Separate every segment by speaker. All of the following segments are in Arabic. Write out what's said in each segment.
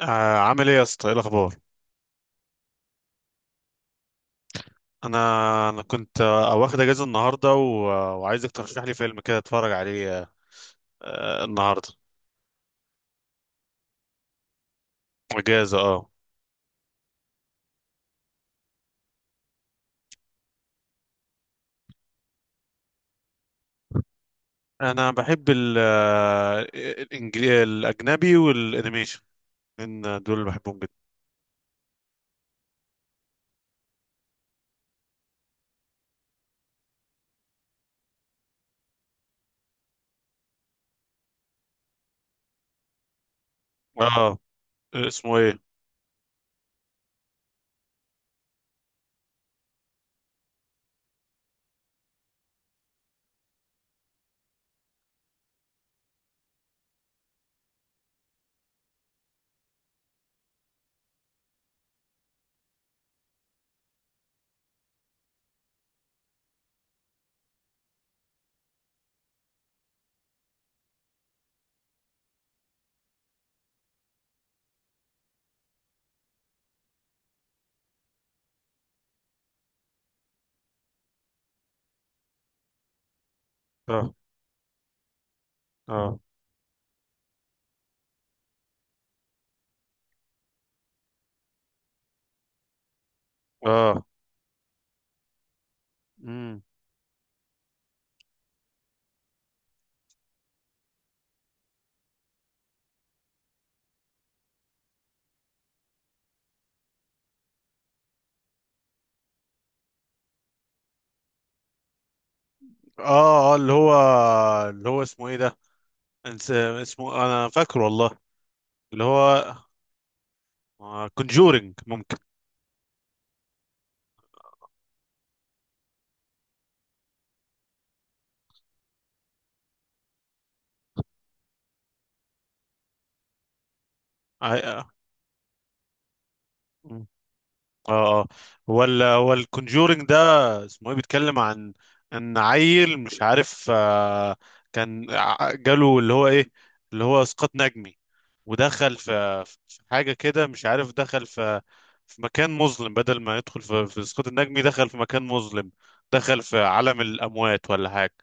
Speaker 1: عامل ايه يا اسطى؟ ايه الاخبار؟ انا انا كنت واخد اجازه النهارده و... آه، وعايزك ترشح لي فيلم كده اتفرج عليه النهارده. اجازه، اه. انا بحب الاجنبي والانيميشن. ان دول اللي بحبهم جدا. اه. اسمه ايه؟ اه، اه، اه. امم. اه اه، اللي هو اللي هو اسمه ايه ده؟ اسمه، انا فاكره والله. اللي هو كونجورينج، ممكن. آه، آه. اه اه. هو الكونجورينج ده اسمه ايه؟ بيتكلم عن ان عيل مش عارف، كان جاله اللي هو ايه، اللي هو اسقاط نجمي، ودخل في حاجه كده، مش عارف، دخل في مكان مظلم. بدل ما يدخل في اسقاط النجمي دخل في مكان مظلم، دخل في عالم الاموات ولا حاجه.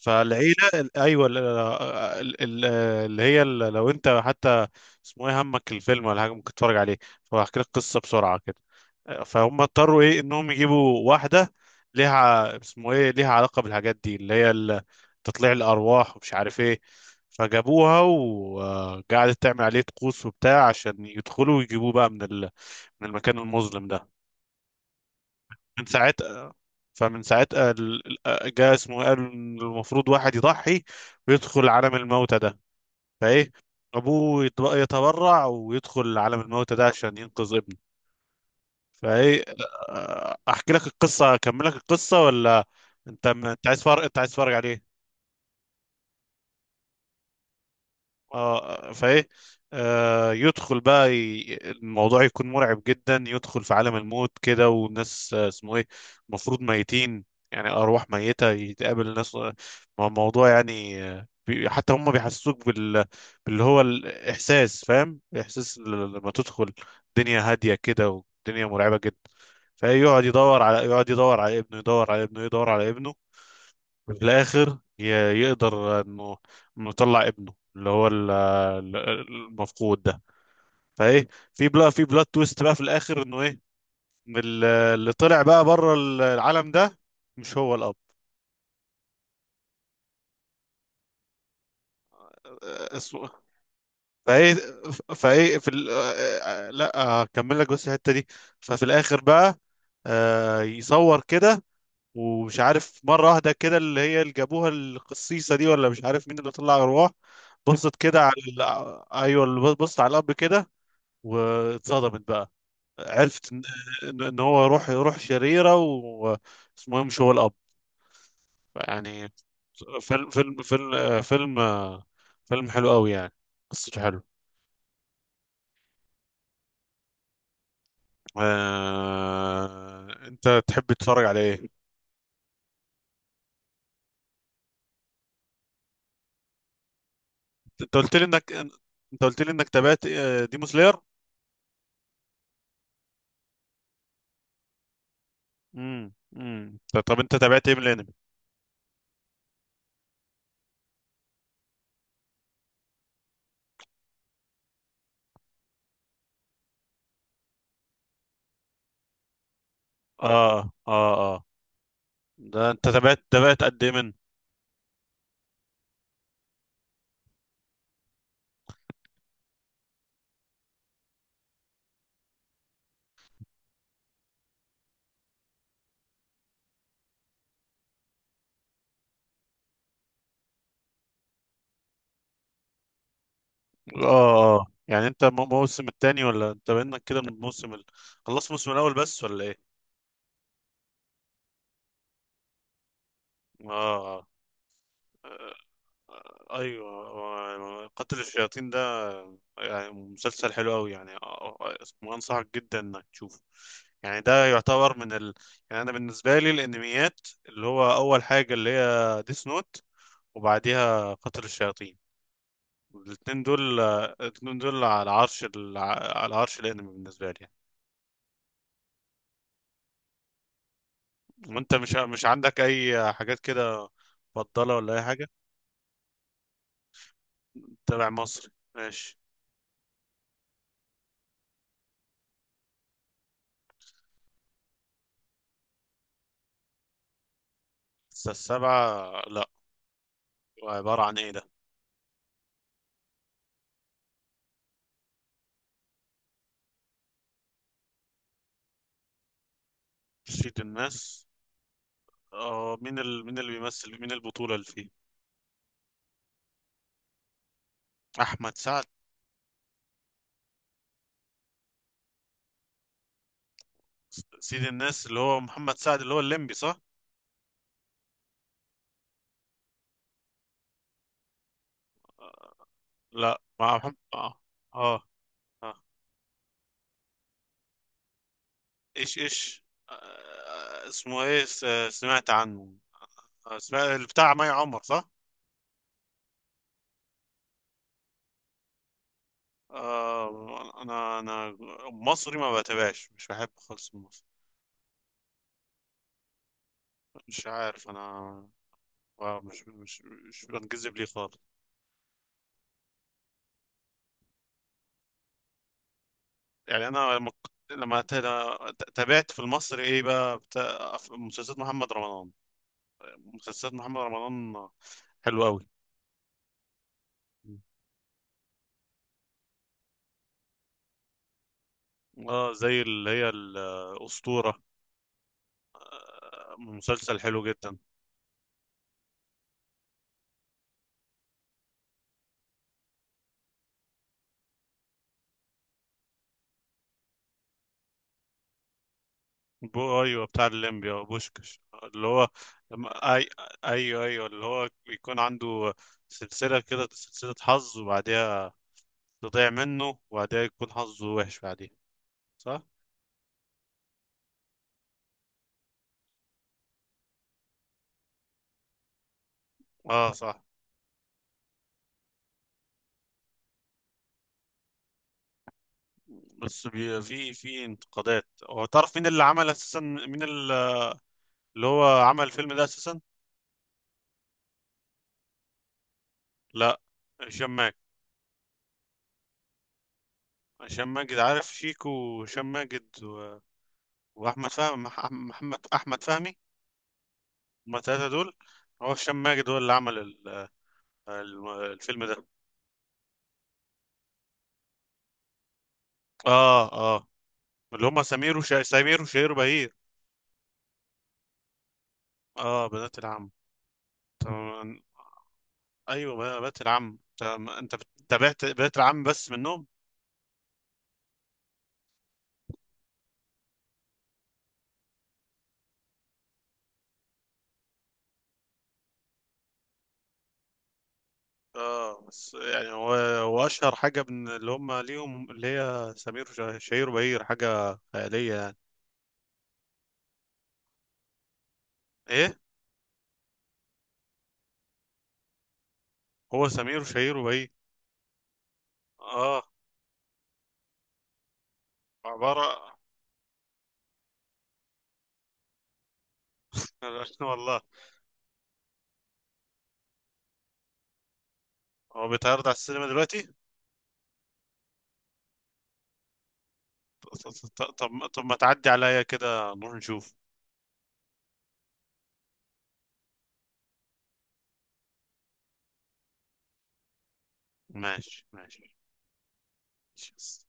Speaker 1: فالعيله ال- ايوه ال- ال- ال- اللي هي ال- لو انت حتى اسمه ايه همك الفيلم ولا حاجه، ممكن تتفرج عليه. فهحكي لك قصه بسرعه كده. فهم اضطروا ايه، انهم يجيبوا واحده ليها ع- اسمه ايه ليها علاقه بالحاجات دي، تطليع الارواح ومش عارف ايه. فجابوها وقعدت تعمل عليه طقوس وبتاع عشان يدخلوا ويجيبوه بقى من من المكان المظلم ده. من ساعتها فمن ساعتها جه اسمه إيه؟ قال إن المفروض واحد يضحي ويدخل عالم الموتى ده. فايه، ابوه يتبرع ويدخل عالم الموتى ده عشان ينقذ ابنه. فايه، احكي لك القصه، اكمل لك القصه، ولا انت عايز فار... انت عايز تتفرج عليه؟ اه. فايه، يدخل بقى الموضوع يكون مرعب جدا، يدخل في عالم الموت كده والناس اسمه ايه، المفروض ميتين، يعني ارواح ميتة، يتقابل ناس. مع الموضوع يعني، حتى هم بيحسسوك باللي هو الاحساس، فاهم؟ احساس لما تدخل دنيا هادية كده ودنيا مرعبة جدا. فيقعد يدور على يقعد يدور على ابنه، يدور على ابنه، يدور على ابنه. في الاخر يقدر انه يطلع ابنه اللي هو المفقود ده. فايه، في بلوت تويست بقى في الاخر، انه ايه، إن اللي طلع بقى بره العالم ده مش هو الاب. آه، اسمه فايه فايه في ال... آه، آه، لا هكمل لك بس الحته دي. ففي الاخر بقى، يصور كده ومش عارف مرة واحدة كده، اللي هي اللي جابوها القصيصة دي ولا مش عارف مين، اللي طلع أرواح، بصت كده على ال... آه، أيوه، اللي بصت على الأب كده، واتصدمت بقى، عرفت إن هو روح شريرة، واسمه إيه، مش هو الأب يعني. فيلم فيلم فيلم فيلم فيلم حلو قوي يعني، قصته حلو. أنت تحب تتفرج على إيه؟ أنت قلت لي إنك، أنت قلت لي إنك تابعت ديمو سلاير. امم، امم. طب انت تابعت ايه من الانمي؟ اه اه اه. ده انت تابعت قد ايه من، اه اه، يعني انت موسم التاني ولا انت بينك كده من الموسم خلصت الموسم الاول بس ولا ايه؟ اه. آه، قتل الشياطين ده يعني مسلسل حلو قوي يعني، آه، آه، آه، اسمه انصحك جدا انك تشوفه. يعني ده يعتبر من يعني انا بالنسبه لي الانميات، اللي هو اول حاجه اللي هي ديس نوت، وبعديها قتل الشياطين. الاثنين دول الاثنين دول على عرش على عرش الانمي بالنسبه لي يعني. وانت مش عندك اي حاجات كده مفضله ولا اي حاجه؟ تابع مصري، ماشي. بس السبعه لا، عباره عن ايه ده؟ شيت الناس. اه، مين مين اللي بيمثل، مين البطوله اللي فيه؟ احمد سعد. سيد الناس اللي هو محمد سعد اللي هو الليمبي، صح؟ لا، مع محمد، اه. اه. آه. ايش ايش. آه، اسمه ايه س- سمعت عنه. سمعت بتاع مي عمر، صح؟ آه، انا مصري ما بتابعش، مش بحب خالص المصري. مش عارف انا، آه، مش مش مش بنجذب ليه خالص. يعني انا لما ك- لما تا- تابعت في المصري ايه بقى، بتاع مسلسلات محمد رمضان. مسلسلات محمد رمضان حلوة قوي. اه، زي اللي هي الأسطورة، مسلسل حلو جدا. بو، ايوه، بتاع الليمبي، اه، بوشكش، اللي هو لما- اي ايوه ايوه اللي هو بيكون عنده سلسله كده، سلسله حظ، وبعدها تضيع منه، وبعدها يكون حظه وحش بعديها، صح؟ اه، صح. بس بي في في انتقادات. هو تعرف مين اللي عمل اساسا، مين اللي هو عمل الفيلم ده اساسا؟ لا، هشام ماجد. هشام ماجد، عارف شيكو وهشام ماجد واحمد فهمي، محمد احمد فهمي. هما الثلاثه دول. هو هشام ماجد هو اللي عمل الفيلم ده. اه اه، اللي هم سمير وشهير وبهير. اه، بنات العم، تمام. ايوه، بنات العم، تمام. انت تابعت بنات العم بس منهم؟ اه، بس يعني هو هو اشهر حاجه من اللي هم ليهم اللي هي شهير وبهير، حاجه خياليه يعني. ايه؟ هو سمير وشهير وبهير. اه، عباره. والله. هو بيتعرض على السينما دلوقتي؟ طب ما تعدي عليا كده نروح نشوف. ماشي، ماشي، ماشي.